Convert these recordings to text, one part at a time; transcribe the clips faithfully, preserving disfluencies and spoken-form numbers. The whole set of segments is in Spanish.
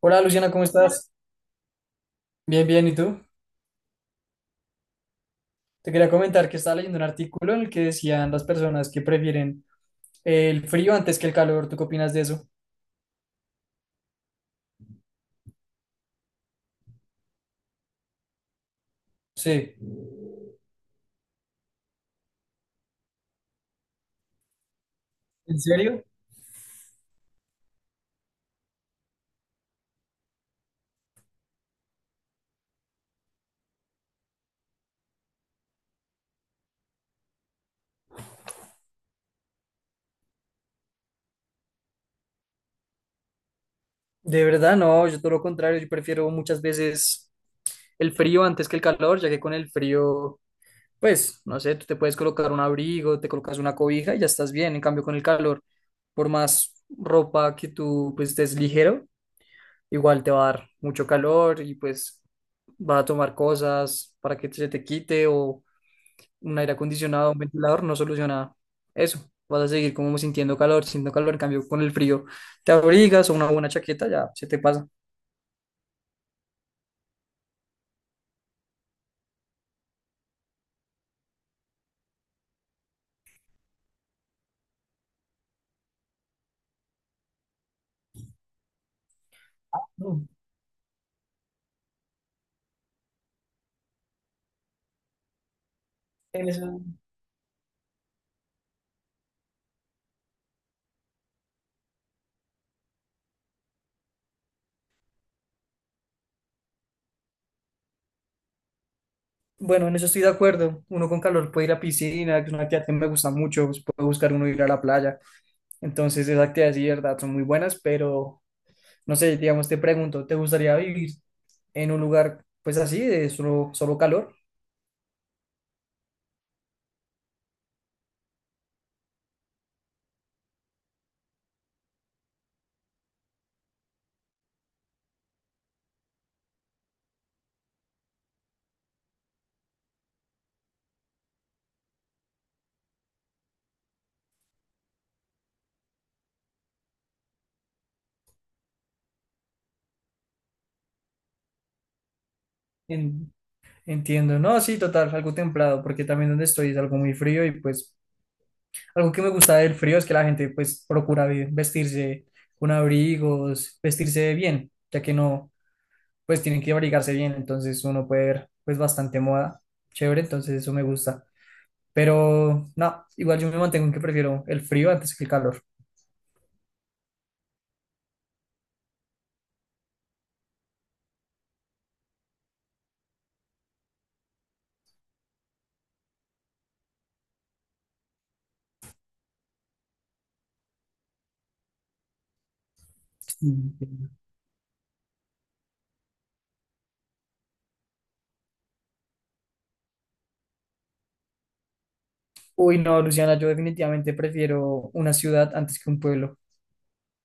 Hola Luciana, ¿cómo estás? Bien, bien, ¿y tú? Te quería comentar que estaba leyendo un artículo en el que decían las personas que prefieren el frío antes que el calor. ¿Tú qué opinas de eso? Sí. ¿En serio? De verdad, no, yo todo lo contrario, yo prefiero muchas veces el frío antes que el calor, ya que con el frío, pues, no sé, tú te puedes colocar un abrigo, te colocas una cobija y ya estás bien. En cambio, con el calor, por más ropa que tú, pues, estés ligero, igual te va a dar mucho calor y pues va a tomar cosas para que se te quite o un aire acondicionado, un ventilador, no soluciona eso. Vas a seguir como sintiendo calor, sintiendo calor, en cambio con el frío te abrigas o una buena chaqueta, ya se te pasa. Bueno, en eso estoy de acuerdo. Uno con calor puede ir a piscina, que es una actividad que me gusta mucho, pues, puede buscar uno ir a la playa. Entonces esas actividades sí, de verdad, son muy buenas, pero no sé, digamos, te pregunto, ¿te gustaría vivir en un lugar pues así, de solo, solo calor? En- Entiendo, no, sí, total, algo templado, porque también donde estoy es algo muy frío y pues algo que me gusta del frío es que la gente pues procura vi- vestirse con abrigos, vestirse bien, ya que no, pues tienen que abrigarse bien, entonces uno puede ver pues bastante moda, chévere, entonces eso me gusta, pero no, igual yo me mantengo en que prefiero el frío antes que el calor. Sí, entiendo. Uy, no, Luciana, yo definitivamente prefiero una ciudad antes que un pueblo.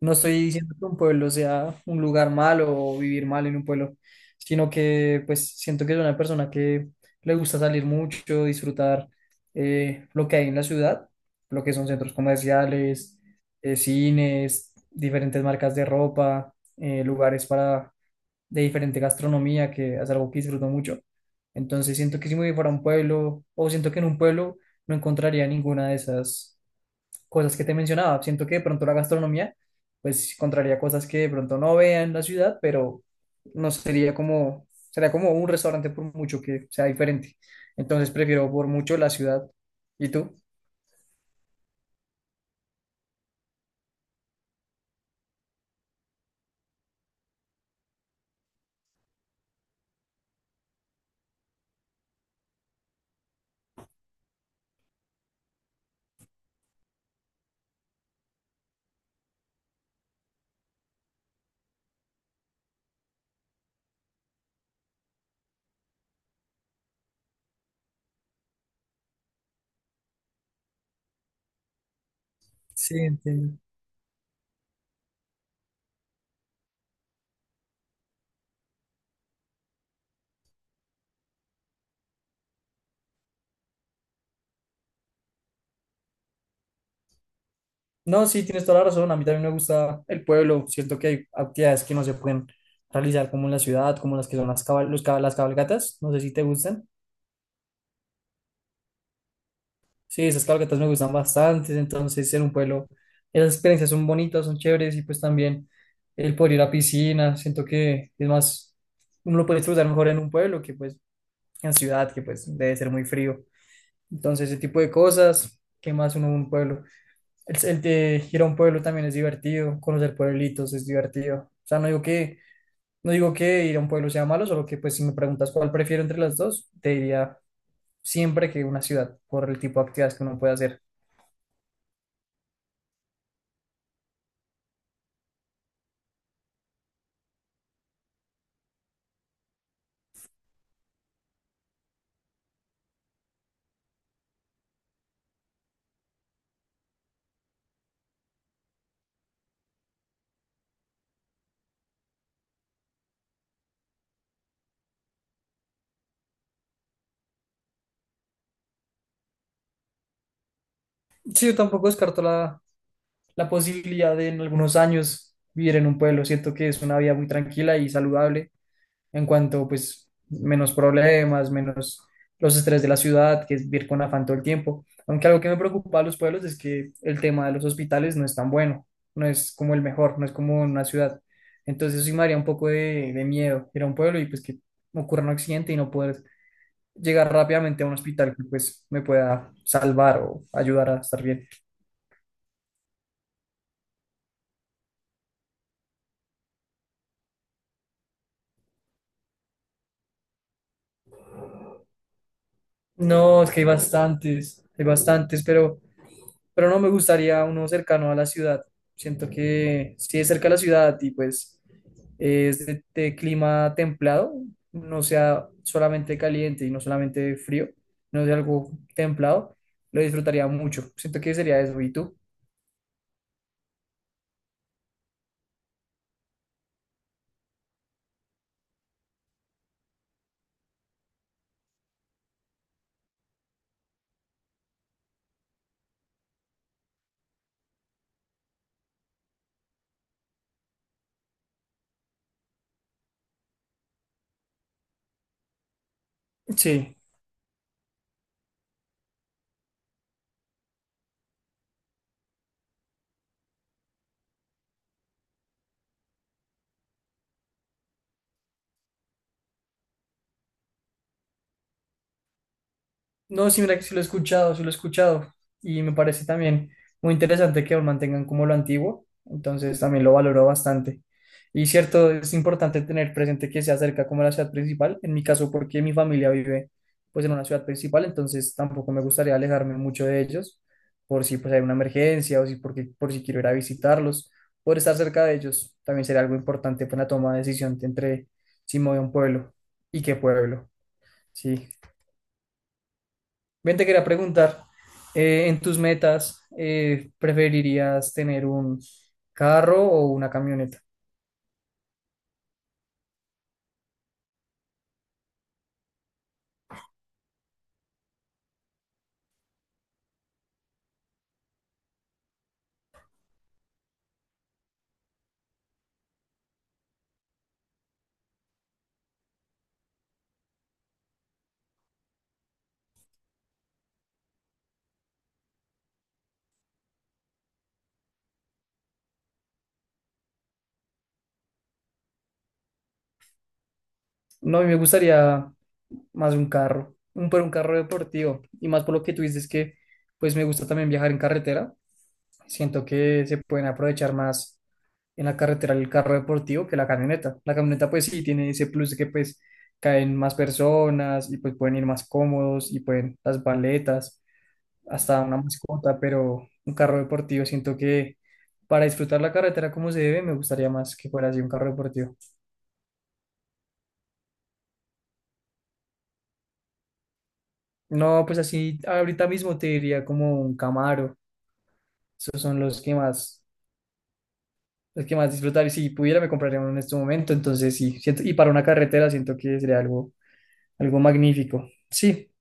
No estoy diciendo que un pueblo sea un lugar malo o vivir mal en un pueblo, sino que pues siento que es una persona que le gusta salir mucho, disfrutar eh, lo que hay en la ciudad, lo que son centros comerciales, eh, cines, diferentes marcas de ropa, eh, lugares para de diferente gastronomía, que es algo que disfruto mucho. Entonces siento que si me voy para un pueblo, o siento que en un pueblo no encontraría ninguna de esas cosas que te mencionaba. Siento que de pronto la gastronomía, pues encontraría cosas que de pronto no vea en la ciudad, pero no sería como, sería como un restaurante por mucho que sea diferente. Entonces prefiero por mucho la ciudad. ¿Y tú? Sí, entiendo. No, sí, tienes toda la razón. A mí también me gusta el pueblo. Siento que hay actividades que no se pueden realizar como en la ciudad, como las que son las, cabal- los cab- las cabalgatas. No sé si te gustan. Sí, esas cabalgatas me gustan bastante, entonces en un pueblo esas experiencias son bonitas, son chéveres y pues también el poder ir a piscina, siento que es más, uno lo puede disfrutar mejor en un pueblo que pues en ciudad, que pues debe ser muy frío. Entonces ese tipo de cosas, ¿qué más uno en un pueblo? El, el de ir a un pueblo también es divertido, conocer pueblitos es divertido. O sea, no digo que, no digo que ir a un pueblo sea malo, solo que pues si me preguntas cuál prefiero entre las dos, te diría siempre que una ciudad por el tipo de actividades que uno puede hacer. Sí, yo tampoco descarto la, la posibilidad de en algunos años vivir en un pueblo. Siento que es una vida muy tranquila y saludable en cuanto, pues, menos problemas, menos los estrés de la ciudad, que es vivir con afán todo el tiempo. Aunque algo que me preocupa a los pueblos es que el tema de los hospitales no es tan bueno, no es como el mejor, no es como en una ciudad. Entonces, sí me haría un poco de, de miedo ir a un pueblo y, pues, que ocurra un accidente y no poder llegar rápidamente a un hospital que, pues, me pueda salvar o ayudar a estar bien. No, es que hay bastantes, hay bastantes, pero, pero no me gustaría uno cercano a la ciudad. Siento que si es cerca a la ciudad y pues es de, de clima templado, no sea solamente caliente y no solamente frío, no sea algo templado, lo disfrutaría mucho. Siento que sería eso. ¿Y tú? Sí. No, sí, mira que sí lo he escuchado, sí lo he escuchado. Y me parece también muy interesante que aún mantengan como lo antiguo. Entonces también lo valoro bastante. Y cierto, es importante tener presente que se acerca como a la ciudad principal. En mi caso, porque mi familia vive pues en una ciudad principal, entonces tampoco me gustaría alejarme mucho de ellos por si pues hay una emergencia o si porque, por si quiero ir a visitarlos. Por estar cerca de ellos también sería algo importante para la toma de decisión entre si me voy a un pueblo y qué pueblo. Sí. Bien, te quería preguntar, eh, en tus metas, eh, ¿preferirías tener un carro o una camioneta? No, a mí me gustaría más un carro, un, pero un carro deportivo. Y más por lo que tú dices que, pues me gusta también viajar en carretera. Siento que se pueden aprovechar más en la carretera el carro deportivo que la camioneta. La camioneta, pues sí, tiene ese plus de que, pues, caen más personas y pues pueden ir más cómodos y pueden las baletas hasta una mascota, pero un carro deportivo. Siento que para disfrutar la carretera como se debe, me gustaría más que fuera así un carro deportivo. No, pues así ahorita mismo te diría como un Camaro. Esos son los que más, los que más disfrutar. Y si pudiera, me compraría uno en este momento. Entonces sí, siento, y para una carretera siento que sería algo, algo magnífico. Sí,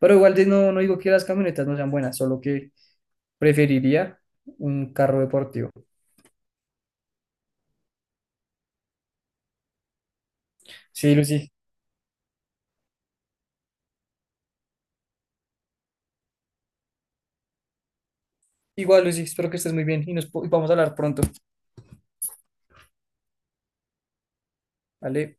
pero igual de- no, no digo que las camionetas no sean buenas, solo que preferiría un carro deportivo. Sí, Lucy. Igual, Lucy, espero que estés muy bien y nos po- y vamos a hablar pronto. ¿Vale?